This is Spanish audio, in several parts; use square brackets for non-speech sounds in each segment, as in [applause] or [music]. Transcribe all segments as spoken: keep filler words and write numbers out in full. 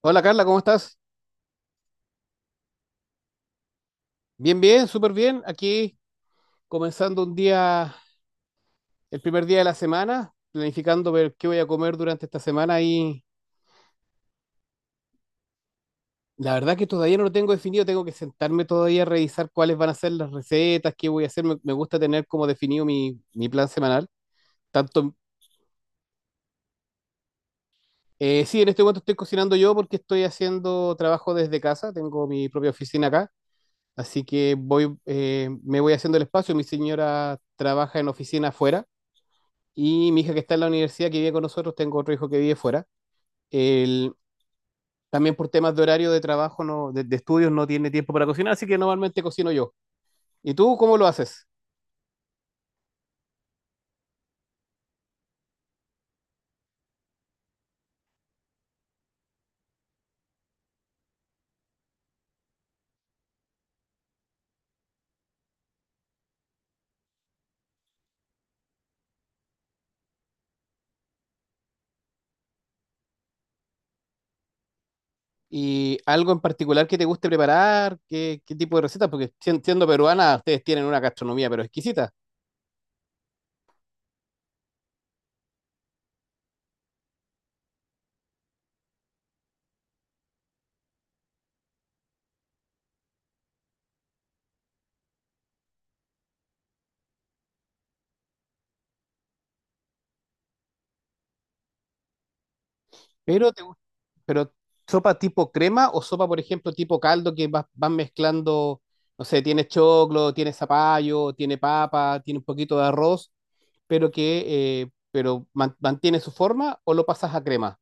Hola Carla, ¿cómo estás? Bien, bien, súper bien. Aquí comenzando un día, el primer día de la semana, planificando ver qué voy a comer durante esta semana y la verdad que todavía no lo tengo definido, tengo que sentarme todavía a revisar cuáles van a ser las recetas, qué voy a hacer. Me, me gusta tener como definido mi, mi plan semanal. Tanto, eh, sí, en este momento estoy cocinando yo porque estoy haciendo trabajo desde casa, tengo mi propia oficina acá, así que voy, eh, me voy haciendo el espacio. Mi señora trabaja en oficina afuera. Y mi hija que está en la universidad, que vive con nosotros, tengo otro hijo que vive fuera. Él, también por temas de horario de trabajo, no, de, de estudios, no tiene tiempo para cocinar, así que normalmente cocino yo. ¿Y tú cómo lo haces? ¿Y algo en particular que te guste preparar? ¿Qué, qué tipo de recetas? Porque sien- siendo peruana, ustedes tienen una gastronomía, pero exquisita. Pero, te gu- pero sopa tipo crema o sopa, por ejemplo, tipo caldo que vas, vas mezclando, no sé, tiene choclo, tiene zapallo, tiene papa, tiene un poquito de arroz pero que eh, pero man- mantiene su forma o lo pasas a crema.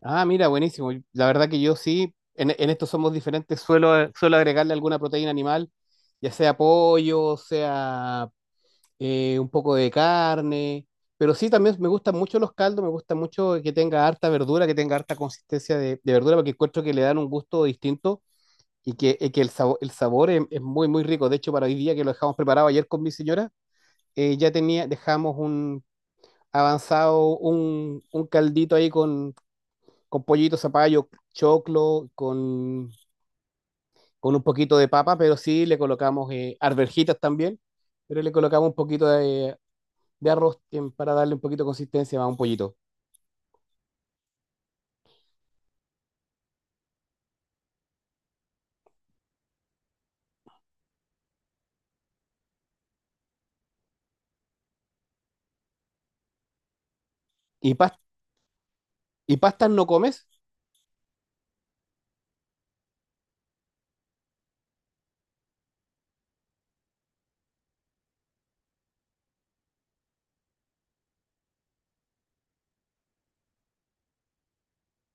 Ah, mira, buenísimo. La verdad que yo sí, en, en esto somos diferentes, suelo, suelo agregarle alguna proteína animal, ya sea pollo, sea eh, un poco de carne, pero sí también me gustan mucho los caldos, me gusta mucho que tenga harta verdura, que tenga harta consistencia de, de verdura, porque encuentro que le dan un gusto distinto y que, y que el, sabor el sabor es, es muy, muy rico. De hecho, para hoy día que lo dejamos preparado ayer con mi señora, eh, ya tenía, dejamos un avanzado un, un caldito ahí con, con pollito, zapallo, choclo, con, con un poquito de papa, pero sí le colocamos eh, arvejitas también, pero le colocamos un poquito de, de arroz eh, para darle un poquito de consistencia a un pollito. ¿Y, pas- ¿Y pastas no comes?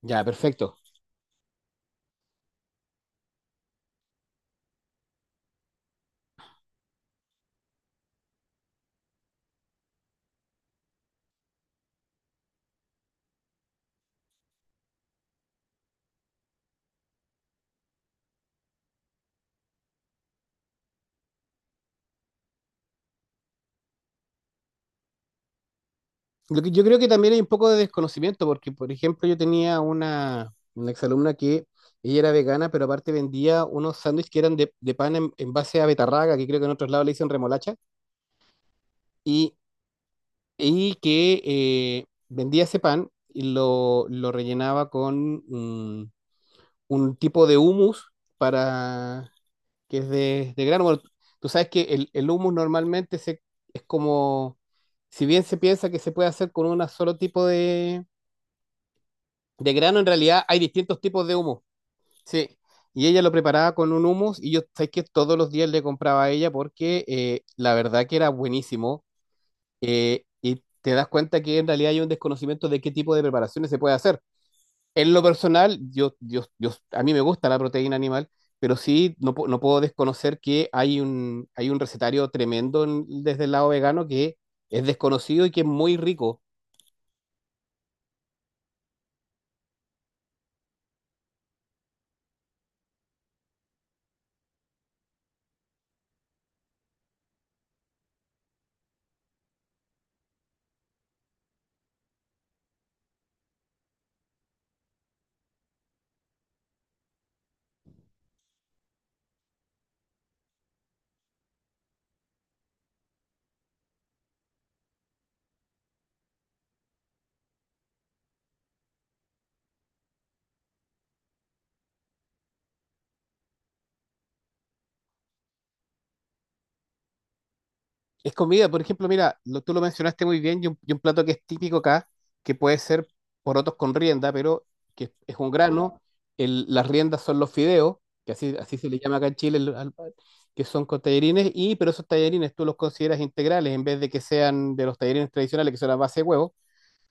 Ya, perfecto. Lo que, yo creo que también hay un poco de desconocimiento, porque por ejemplo yo tenía una, una exalumna que ella era vegana, pero aparte vendía unos sándwiches que eran de, de pan en, en base a betarraga, que creo que en otros lados le dicen remolacha, y y que eh, vendía ese pan y lo, lo rellenaba con mm, un tipo de humus para, que es de, de grano. Bueno, tú sabes que el, el humus normalmente se, es como, si bien se piensa que se puede hacer con un solo tipo de, de grano, en realidad hay distintos tipos de humus. Sí. Y ella lo preparaba con un humus y yo sabes que todos los días le compraba a ella porque eh, la verdad que era buenísimo eh, y te das cuenta que en realidad hay un desconocimiento de qué tipo de preparaciones se puede hacer. En lo personal, yo, yo, yo, a mí me gusta la proteína animal, pero sí no, pu- no puedo desconocer que hay un, hay un recetario tremendo en- desde el lado vegano que es desconocido y que es muy rico. Es comida, por ejemplo, mira, lo- tú lo mencionaste muy bien y un, y un plato que es típico acá, que puede ser porotos con rienda, pero que es, es un grano. El- las riendas son los fideos, que así, así se le llama acá en Chile, el- al- que son con tallarines, y, pero esos tallarines tú los consideras integrales en vez de que sean de los tallarines tradicionales, que son a base de huevo,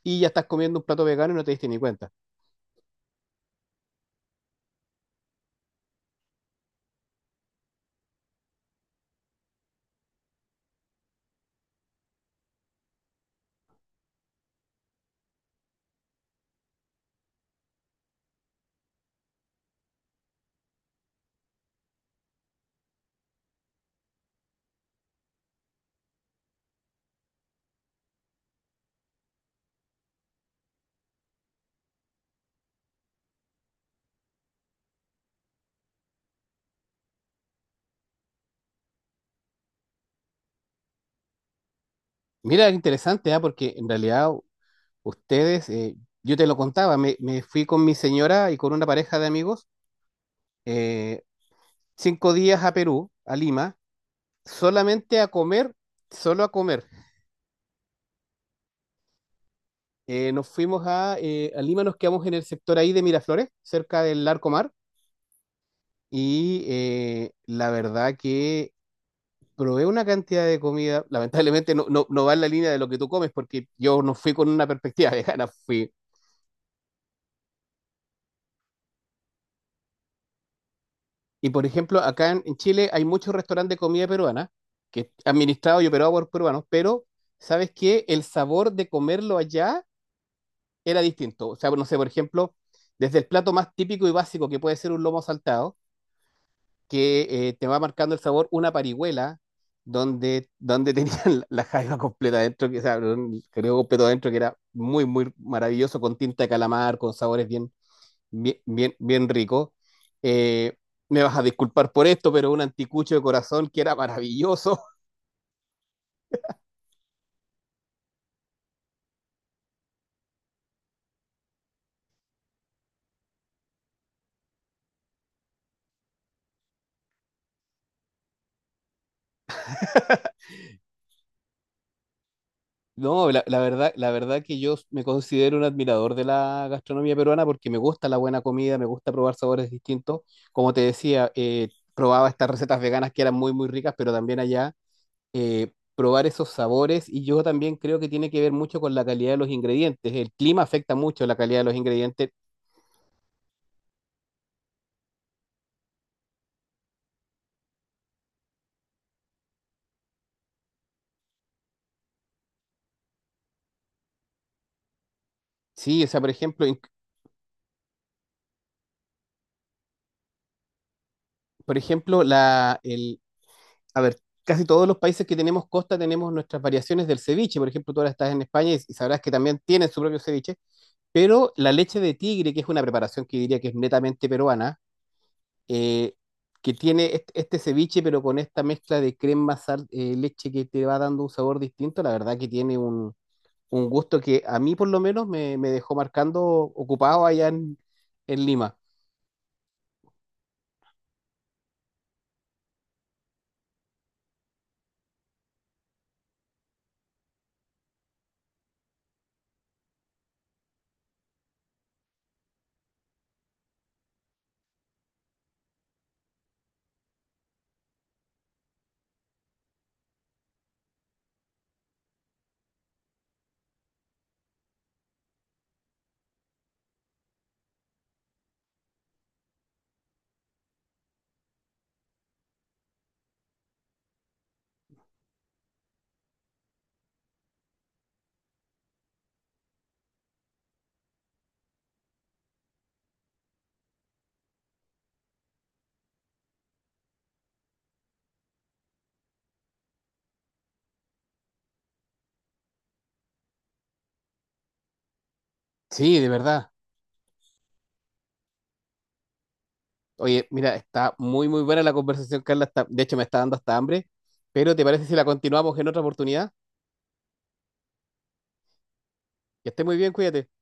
y ya estás comiendo un plato vegano y no te diste ni cuenta. Mira, qué interesante, ¿ah? Porque en realidad ustedes, eh, yo te lo contaba, me, me fui con mi señora y con una pareja de amigos. eh, Cinco días a Perú, a Lima, solamente a comer, solo a comer. Eh, nos fuimos a, eh, a Lima, nos quedamos en el sector ahí de Miraflores, cerca del Larco Mar, y eh, la verdad que probé una cantidad de comida, lamentablemente no, no, no va en la línea de lo que tú comes, porque yo no fui con una perspectiva [laughs] vegana, fui. Y por ejemplo, acá en, en Chile hay muchos restaurantes de comida peruana, que es administrado y operado por peruanos, pero ¿sabes qué? El sabor de comerlo allá era distinto. O sea, no sé, por ejemplo, desde el plato más típico y básico que puede ser un lomo saltado, que eh, te va marcando el sabor una parihuela donde, donde [laughs] tenían la jaiba completa adentro, que, o sea, un creo completo adentro, que era muy, muy maravilloso, con tinta de calamar, con sabores bien, bien, bien, bien ricos. Eh, Me vas a disculpar por esto, pero un anticucho de corazón que era maravilloso. No, la, la verdad, la verdad que yo me considero un admirador de la gastronomía peruana porque me gusta la buena comida, me gusta probar sabores distintos. Como te decía, eh, probaba estas recetas veganas que eran muy, muy ricas, pero también allá eh, probar esos sabores y yo también creo que tiene que ver mucho con la calidad de los ingredientes. El clima afecta mucho la calidad de los ingredientes. Sí, o sea, por ejemplo, inc- por ejemplo, la, el, a ver, casi todos los países que tenemos costa tenemos nuestras variaciones del ceviche. Por ejemplo, tú ahora estás en España y y sabrás que también tienen su propio ceviche. Pero la leche de tigre, que es una preparación que diría que es netamente peruana, eh, que tiene est- este ceviche, pero con esta mezcla de crema, sal, eh, leche que te va dando un sabor distinto, la verdad que tiene un, un gusto que a mí por lo menos me, me dejó marcando ocupado allá en, en Lima. Sí, de verdad. Oye, mira, está muy, muy buena la conversación, Carla. Está- de hecho, me está dando hasta hambre. Pero ¿te parece si la continuamos en otra oportunidad? Que esté muy bien, cuídate.